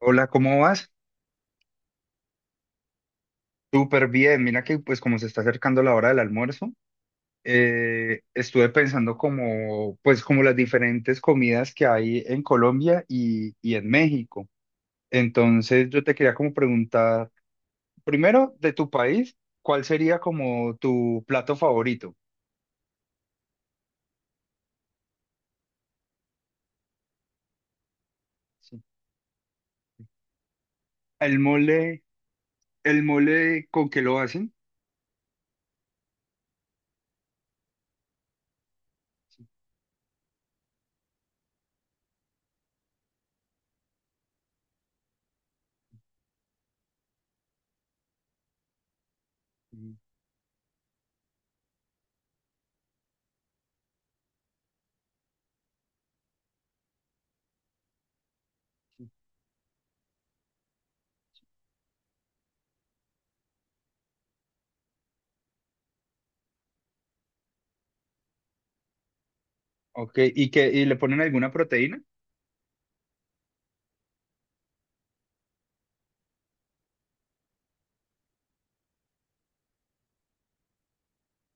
Hola, ¿cómo vas? Súper bien. Mira que pues como se está acercando la hora del almuerzo, estuve pensando como pues como las diferentes comidas que hay en Colombia y en México. Entonces yo te quería como preguntar, primero de tu país, ¿cuál sería como tu plato favorito? Sí. El mole, el mole, ¿con qué lo hacen? Mm. Ok, ¿y que y le ponen alguna proteína?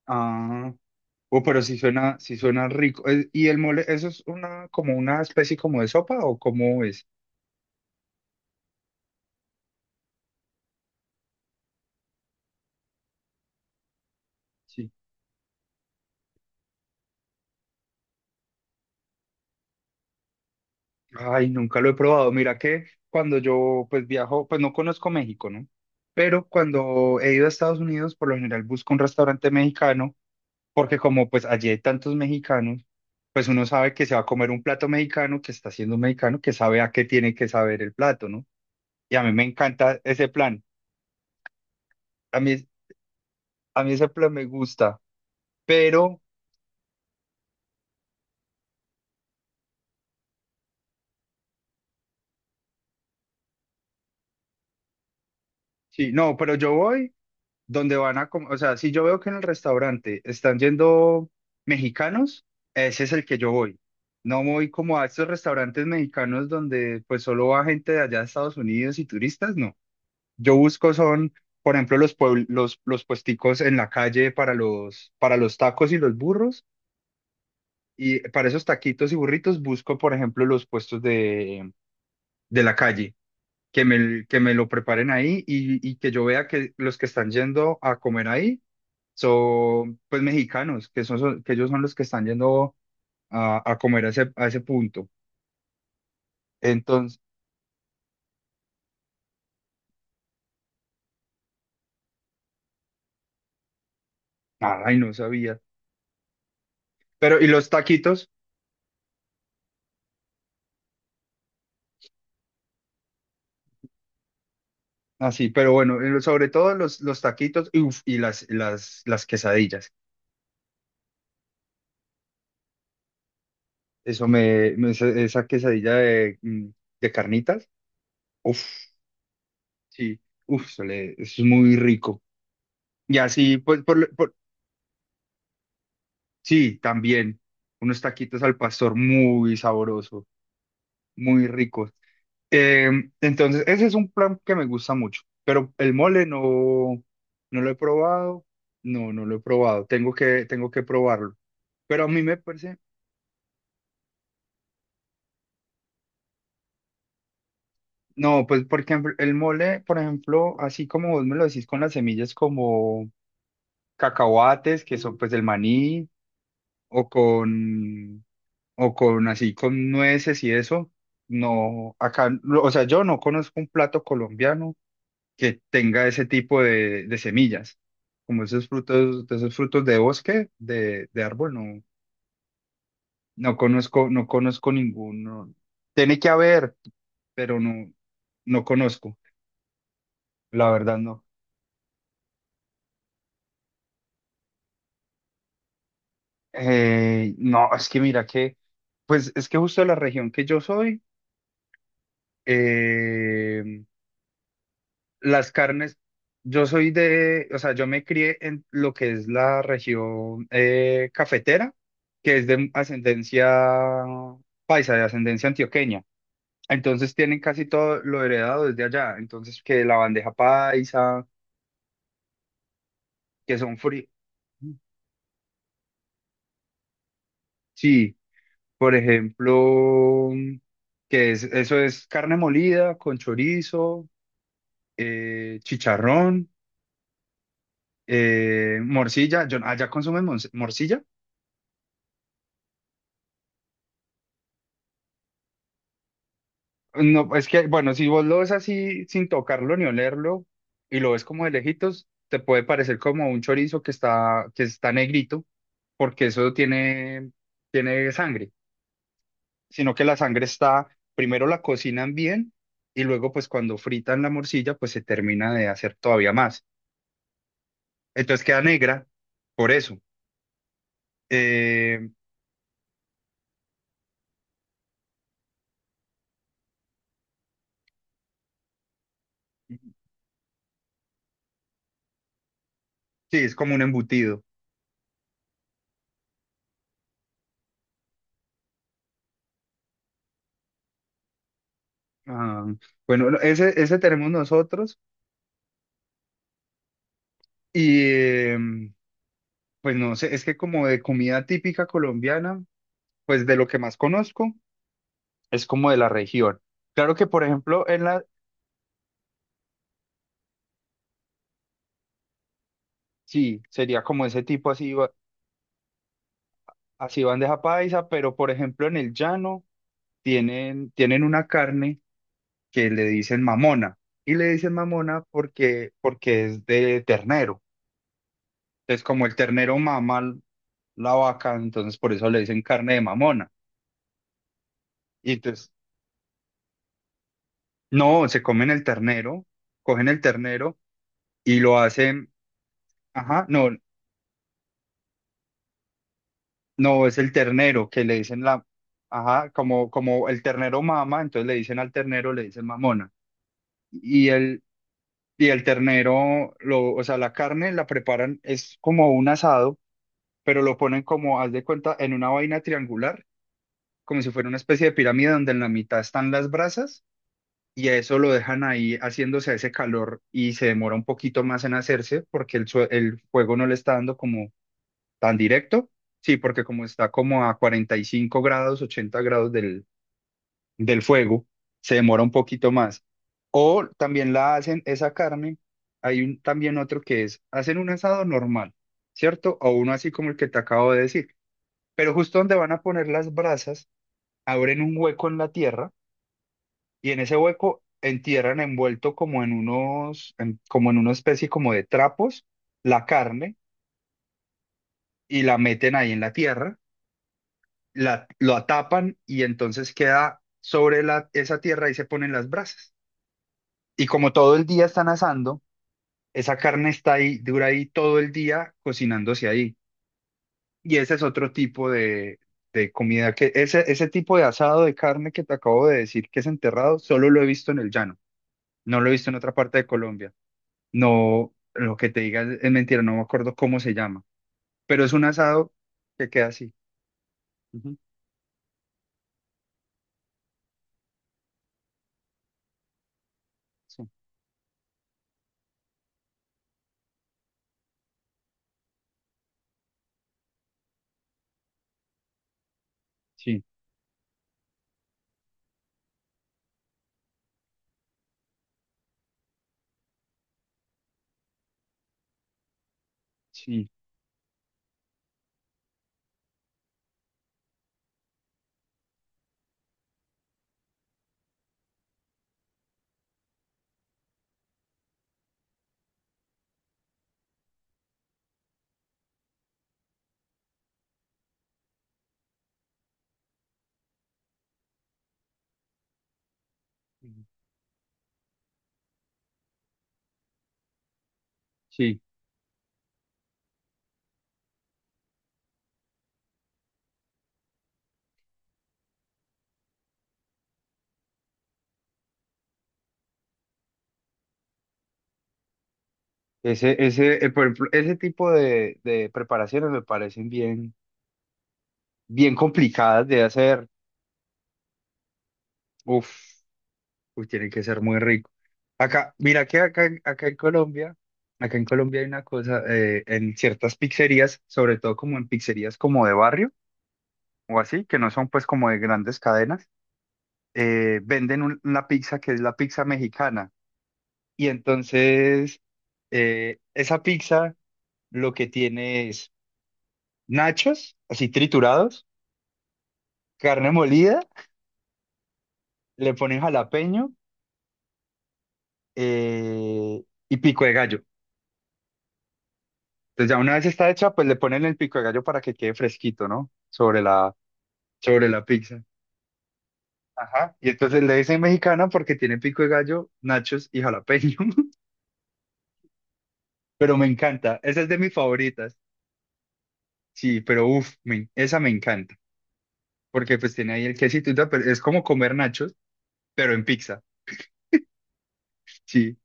Ah. Pero si suena rico. ¿Y el mole, eso es como una especie como de sopa o cómo es? Sí. Ay, nunca lo he probado. Mira que cuando yo pues viajo, pues no conozco México, ¿no? Pero cuando he ido a Estados Unidos, por lo general busco un restaurante mexicano, porque como pues allí hay tantos mexicanos, pues uno sabe que se va a comer un plato mexicano, que está siendo un mexicano, que sabe a qué tiene que saber el plato, ¿no? Y a mí me encanta ese plan. A mí, a mí ese plan me gusta. Pero, sí, no, pero yo voy. Donde van a, com- O sea, si yo veo que en el restaurante están yendo mexicanos, ese es el que yo voy. No voy como a estos restaurantes mexicanos donde pues solo va gente de allá de Estados Unidos y turistas, no. Yo busco son, por ejemplo, los puesticos en la calle para los, tacos y los burros. Y para esos taquitos y burritos busco, por ejemplo, los puestos de la calle, que me lo preparen ahí y que yo vea que los que están yendo a comer ahí son pues mexicanos, que ellos son los que están yendo a comer a ese punto. Entonces, ay, no sabía. Pero, y los taquitos, así, pero bueno, sobre todo los taquitos y, uf, y las quesadillas. Eso me, me- esa esa quesadilla de carnitas, uff, sí, uff, es muy rico. Y así, pues, sí, también, unos taquitos al pastor muy sabroso, muy rico. Eh, entonces, ese es un plan que me gusta mucho, pero el mole no, no lo he probado, no, no lo he probado, tengo que probarlo, pero a mí me parece, no, pues porque el mole, por ejemplo, así como vos me lo decís con las semillas como cacahuates, que son pues el maní, o con, o con así con nueces y eso, no, acá, no, o sea, yo no conozco un plato colombiano que tenga ese tipo de semillas. Como esos frutos de bosque, de árbol, no, no conozco ninguno. Tiene que haber, pero no, no conozco, la verdad no. No, es que mira que, pues es que justo la región que yo soy, eh, las carnes, yo soy de, o sea, yo me crié en lo que es la región cafetera, que es de ascendencia paisa, de ascendencia antioqueña. Entonces tienen casi todo lo heredado desde allá. Entonces, que la bandeja paisa, que son fríos. Sí, por ejemplo, eso es carne molida con chorizo, chicharrón, morcilla. ¿Allá consumen morcilla? No, es que, bueno, si vos lo ves así sin tocarlo ni olerlo y lo ves como de lejitos, te puede parecer como un chorizo que está, negrito, porque eso tiene sangre, sino que la sangre está, primero la cocinan bien y luego pues cuando fritan la morcilla pues se termina de hacer todavía más. Entonces queda negra por eso. Eh, sí, es como un embutido. Ah, bueno, ese tenemos nosotros y em, pues no sé, es que como de comida típica colombiana, pues de lo que más conozco es como de la región. Claro que, por ejemplo, en la, sí, sería como ese tipo así, así bandeja paisa, pero por ejemplo en el llano tienen una carne que le dicen mamona. Y le dicen mamona porque es de ternero. Entonces, como el ternero mama la vaca, entonces por eso le dicen carne de mamona. Y entonces, no, se comen el ternero, cogen el ternero y lo hacen. Ajá, no, no, es el ternero que le dicen la, ajá, como el ternero mama, entonces le dicen al ternero, le dicen mamona. Y el, y el ternero, lo, o sea, la carne la preparan, es como un asado, pero lo ponen como, haz de cuenta, en una vaina triangular, como si fuera una especie de pirámide donde en la mitad están las brasas, y a eso lo dejan ahí haciéndose ese calor y se demora un poquito más en hacerse porque el fuego no le está dando como tan directo. Sí, porque como está como a 45 grados, 80 grados del fuego, se demora un poquito más. O también la hacen esa carne. Hay un, también otro hacen un asado normal, ¿cierto? O uno así como el que te acabo de decir. Pero justo donde van a poner las brasas, abren un hueco en la tierra y en ese hueco entierran envuelto como en una especie como de trapos, la carne y la meten ahí en la tierra lo atapan y entonces queda sobre esa tierra y se ponen las brasas. Y como todo el día están asando, esa carne está ahí, dura ahí todo el día cocinándose ahí. Y ese es otro tipo de comida que, ese tipo de asado de carne que te acabo de decir que es enterrado, solo lo he visto en el llano, no lo he visto en otra parte de Colombia. No, lo que te diga es mentira, no me acuerdo cómo se llama, pero es un asado que queda así. Ujú, sí, sí, sí, sí. Ese, por ejemplo, ese tipo de preparaciones me parecen bien, bien complicadas de hacer. Uf, uy, tiene que ser muy rico. Acá, mira que acá, acá en Colombia, hay una cosa, en ciertas pizzerías, sobre todo como en pizzerías como de barrio o así, que no son pues como de grandes cadenas, venden una pizza que es la pizza mexicana. Y entonces, esa pizza lo que tiene es nachos, así triturados, carne molida, le ponen jalapeño, eh, y pico de gallo. Entonces ya una vez está hecha, pues le ponen el pico de gallo para que quede fresquito, ¿no? sobre la, pizza. Ajá. Y entonces le dicen mexicana porque tiene pico de gallo, nachos y jalapeño. Pero me encanta. Esa es de mis favoritas. Sí, pero uff, esa me encanta. Porque pues tiene ahí el quesito y tal, pero es como comer nachos, pero en pizza. Sí.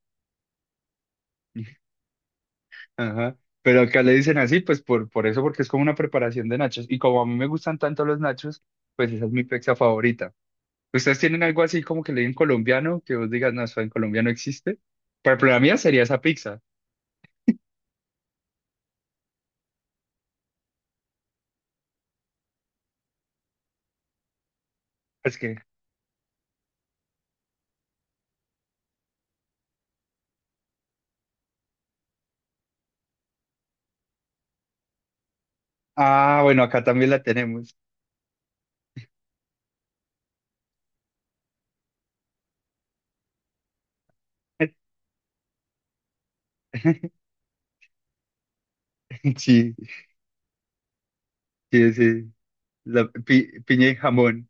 Ajá. Pero acá le dicen así, pues por eso, porque es como una preparación de nachos. Y como a mí me gustan tanto los nachos, pues esa es mi pizza favorita. ¿Ustedes tienen algo así como que le digan colombiano, que vos digas, no, eso en Colombia no existe? Por ejemplo, la mía sería esa pizza. Es que, ah, bueno, acá también la tenemos. Sí, sí, sí. La piña y jamón.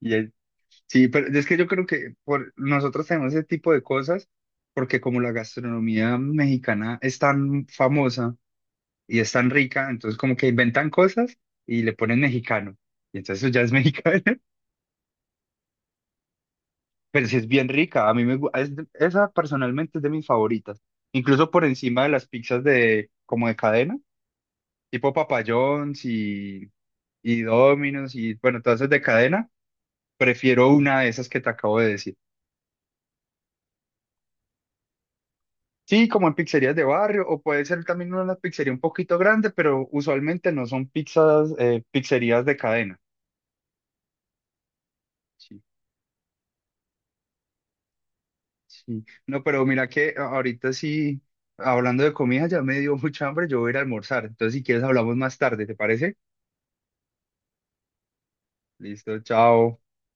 Y el- sí, pero es que yo creo que nosotros tenemos ese tipo de cosas porque como la gastronomía mexicana es tan famosa, y es tan rica, entonces como que inventan cosas y le ponen mexicano. Y entonces eso ya es mexicano, pero sí es bien rica. A mí me gu- es de- Esa personalmente es de mis favoritas, incluso por encima de las pizzas de como de cadena, tipo Papa John's y Domino's y bueno, todas esas de cadena, prefiero una de esas que te acabo de decir. Sí, como en pizzerías de barrio, o puede ser también una pizzería un poquito grande, pero usualmente no son pizzerías de cadena. Sí. Sí. No, pero mira que ahorita sí, hablando de comida, ya me dio mucha hambre, yo voy a ir a almorzar. Entonces, si quieres, hablamos más tarde, ¿te parece? Listo, chao.